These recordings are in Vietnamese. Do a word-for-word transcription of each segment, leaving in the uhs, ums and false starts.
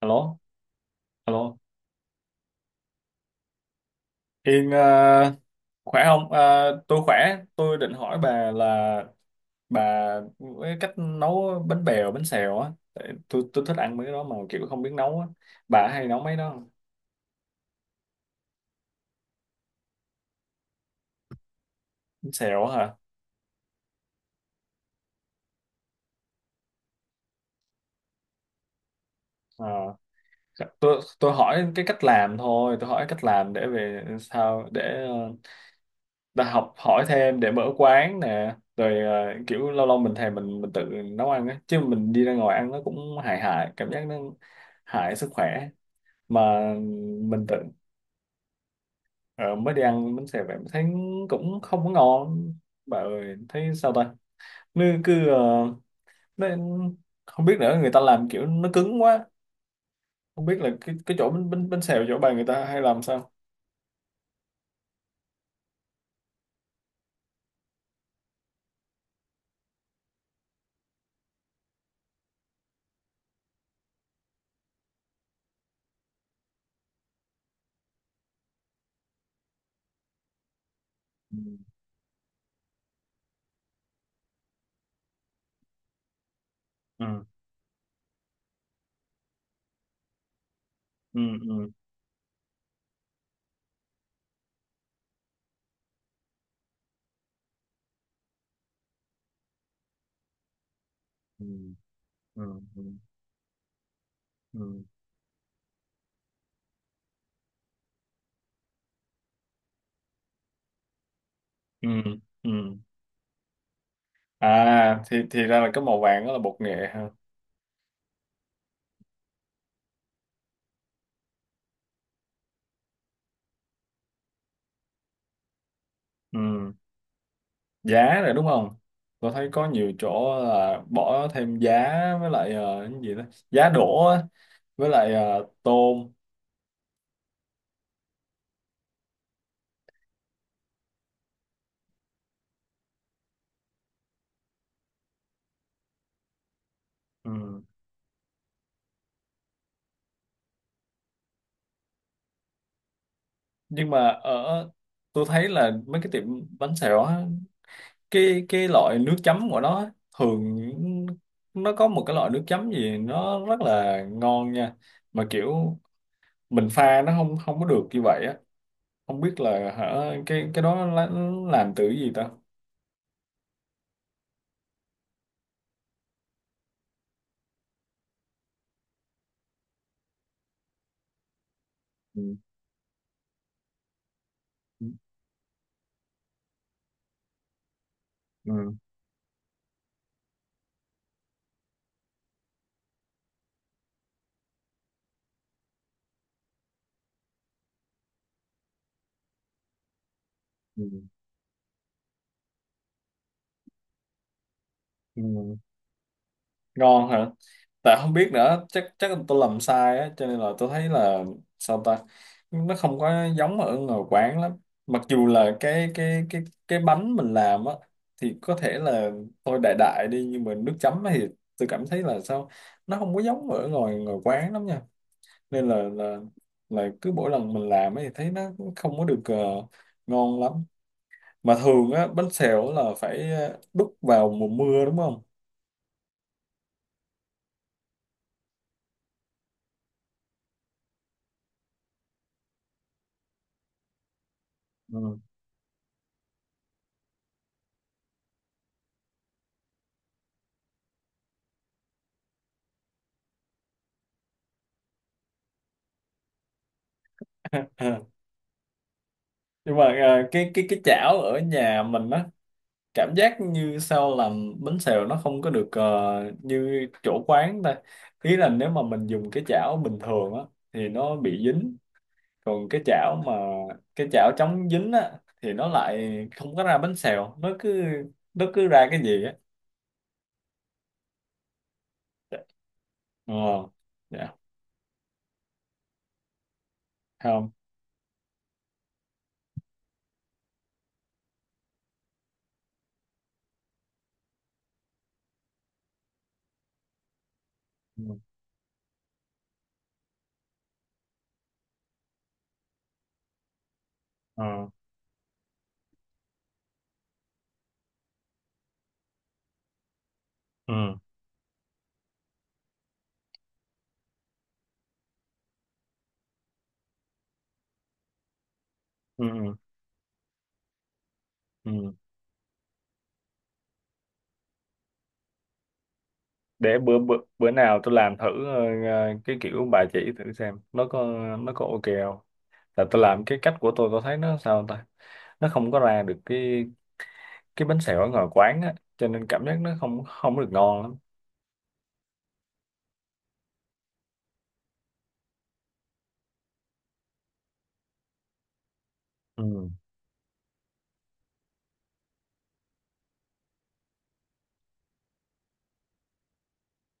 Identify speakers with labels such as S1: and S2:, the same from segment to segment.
S1: Alo, alo. Yên, ờ, khỏe không? Ờ, tôi khỏe. Tôi định hỏi bà là bà cái cách nấu bánh bèo, bánh xèo á. Tại Tôi tôi thích ăn mấy cái đó mà kiểu không biết nấu á. Bà hay nấu mấy đó không? Bánh xèo á hả? Ờ, tôi tôi hỏi cái cách làm thôi. Tôi hỏi cách làm để về sao để, ờ, ta học hỏi thêm để mở quán nè. Rồi, ờ, kiểu lâu lâu mình thèm, mình mình tự nấu ăn á. Chứ mình đi ra ngoài ăn nó cũng hại hại, cảm giác nó hại sức khỏe. Mà mình tự... ờ, mới đi ăn bánh xèo vậy mà thấy cũng không có ngon, bà ơi. Thấy sao ta, nó cứ, ờ, nó... không biết nữa, người ta làm kiểu nó cứng quá, không biết là cái cái chỗ bánh bánh bánh xèo chỗ bà người ta hay làm sao. Ừ, ừ, ừ, ừ, ừ, ừ, ừ, ừ, ừ, ừ. À, thì thì ra là cái màu vàng đó là bột nghệ ha. Ừ, giá rồi đúng không? Tôi thấy có nhiều chỗ là bỏ thêm giá, với lại, ờ, cái gì đó, giá đỗ á, với lại, ờ, tôm. Ừ. Nhưng mà ở... tôi thấy là mấy cái tiệm bánh xèo á, cái cái loại nước chấm của nó á, thường nó có một cái loại nước chấm gì nó rất là ngon nha, mà kiểu mình pha nó không không có được như vậy á. Không biết là, hả, cái cái đó là- nó làm từ cái gì ta. Ừ. Ừ. Ừ. Ừ. Ngon hả? Tại không biết nữa, chắc chắc là tôi làm sai á, cho nên là tôi thấy là sao ta, nó không có giống ở ngoài quán lắm. Mặc dù là cái cái cái cái bánh mình làm á thì có thể là tôi đại đại đi, nhưng mà nước chấm thì tôi cảm thấy là sao, nó không có giống ở ngoài ngoài quán lắm nha. Nên là là là cứ mỗi lần mình làm ấy thì thấy nó cũng không có được, ờ, ngon lắm. Mà thường á, bánh xèo là phải, ờ, đút vào mùa mưa đúng không? Ừ. Nhưng mà, à, cái cái cái chảo ở nhà mình á, cảm giác như sao làm bánh xèo nó không có được, ờ, như chỗ quán ta. Ý là nếu mà mình dùng cái chảo bình thường á thì nó bị dính, còn cái chảo mà cái chảo chống dính á thì nó lại không có ra bánh xèo, nó cứ nó cứ ra cái gì á. Ờ. Dạ. Không. Ừ. Ờ, ừ, ừ, ừ, ừ. Để bữa bữa bữa nào tôi làm thử. ờ, ờ, cái kiểu bà chỉ thử xem nó có nó có ok không. Là tôi làm cái cách của tôi tôi thấy nó sao ta, nó không có ra được cái cái bánh xèo ở ngoài quán á, cho nên cảm giác nó không không được ngon lắm. Ừ.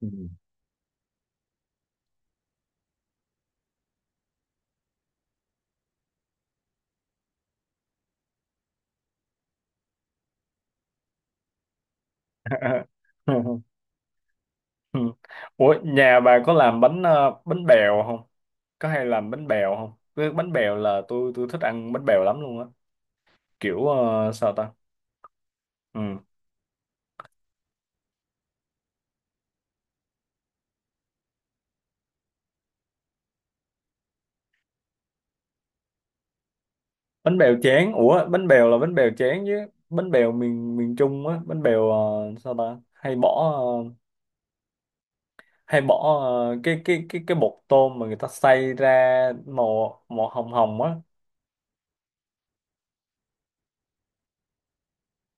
S1: Ừ. Ủa, nhà bà có làm bánh ờ, bánh bèo không? Có hay làm bánh bèo không? Cái bánh bèo là tôi tôi thích ăn bánh bèo lắm luôn á, kiểu, ờ, sao ta. Ừ. Bánh bèo chén. Ủa bánh bèo là bánh bèo chén chứ. Bánh bèo miền miền Trung á, bánh bèo, ờ, sao ta, hay bỏ ờ, hay bỏ ờ, cái cái cái cái bột tôm mà người ta xay ra màu màu hồng hồng á.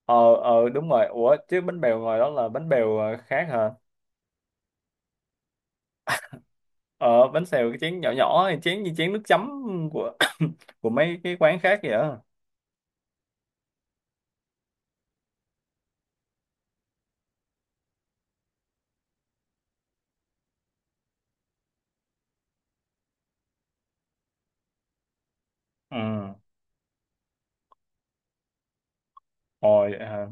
S1: Ờ, ờ, đúng rồi. Ủa chứ bánh bèo ngoài đó là bánh bèo, ờ, khác hả? Ờ, bánh xèo cái chén nhỏ nhỏ này, chén như chén nước chấm của của mấy cái quán khác vậy á. Ừ. Rồi, ờ,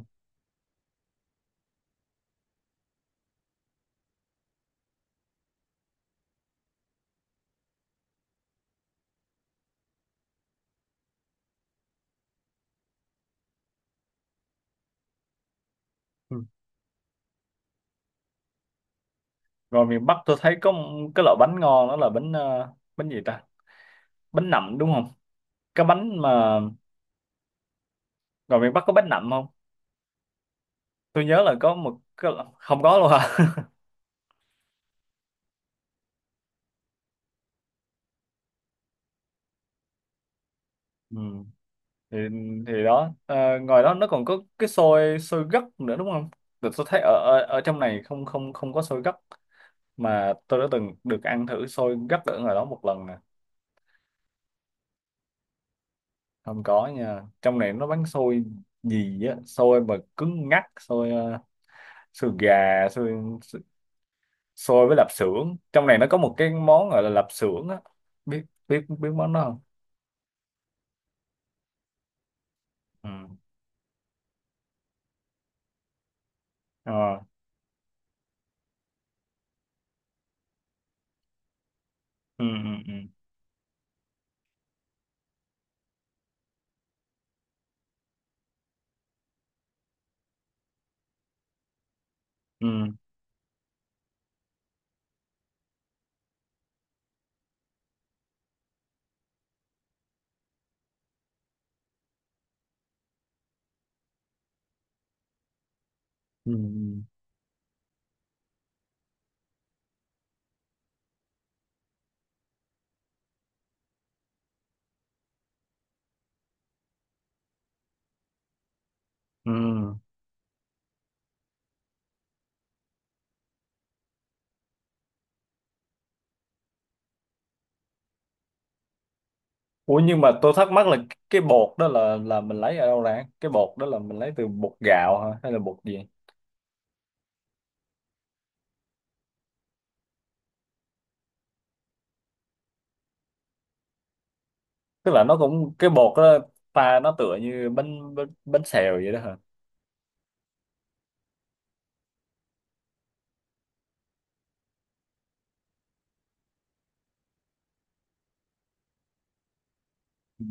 S1: ừ. Rồi miền Bắc tôi thấy có một cái loại bánh ngon đó là bánh ờ, bánh gì ta, bánh nậm đúng không? Cái bánh mà... rồi miền Bắc có bánh nậm không? Tôi nhớ là có một cái... không có luôn hả? Ừ. thì thì đó, à, ngoài đó nó còn có cái xôi xôi gấc nữa đúng không? Được, tôi thấy ở, ở ở trong này không không không có xôi gấc, mà tôi đã từng được ăn thử xôi gấc ở ngoài đó một lần nè. Không có nha. Trong này nó bán xôi gì á, xôi mà cứng ngắc, xôi, ờ, xôi gà, xôi xôi với lạp xưởng. Trong này nó có một cái món gọi là lạp xưởng á, biết biết biết món đó không? Ừ. Ờ. Ừ, ừ, ừ, ừ, ừ, ừ, ừ. Ủa nhưng mà tôi thắc mắc là cái bột đó là là mình lấy ở đâu ra? Cái bột đó là mình lấy từ bột gạo hả hay là bột gì? Tức là nó cũng cái bột đó pha, nó tựa như bánh bánh, bánh xèo vậy đó hả? Ừ.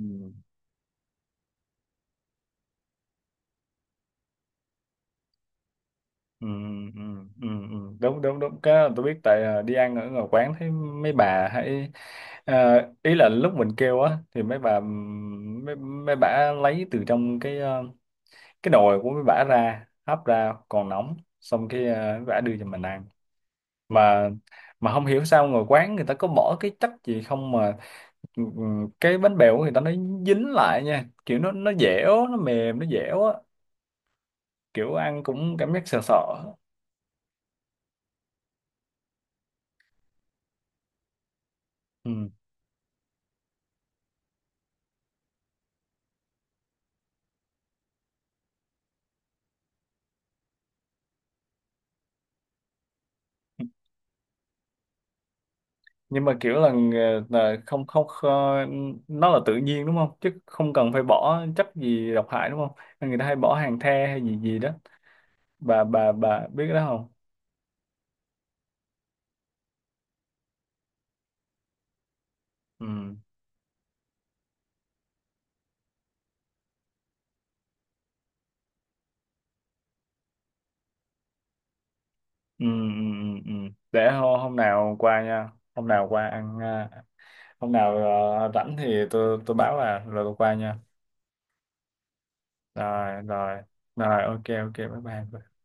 S1: Ừ, ừ, ừ, ừ. Đúng đúng đúng, cái đó tôi biết. Tại à, đi ăn ở ngoài quán thấy mấy bà hay, à, ý là lúc mình kêu á thì mấy bà, ừm, mấy, mấy bà lấy từ trong cái, ờ, cái nồi của mấy bà ra hấp, ra còn nóng, xong cái, ờ, mấy bà đưa cho mình ăn. Mà mà không hiểu sao ngồi quán người ta có bỏ cái chất gì không, mà ừ, ừ, cái bánh bèo của người ta nó dính lại nha, kiểu nó nó dẻo, nó mềm, nó dẻo á, kiểu ăn cũng cảm giác sợ sợ. Ừ. Nhưng mà kiểu là, ờ, là không không, ờ, nó là tự nhiên đúng không? Chứ không cần phải bỏ chất gì độc hại đúng không? Nên người ta hay bỏ hàng the hay gì gì đó. Bà bà bà biết cái đó không? Ừ. Ừ, ừ, ừ, ừ. Để hôm, hôm nào qua nha. Hôm nào qua ăn, à, hôm nào, ờ, rảnh thì tôi tôi báo bà rồi tôi qua nha. Rồi rồi rồi, ok ok, bye bye.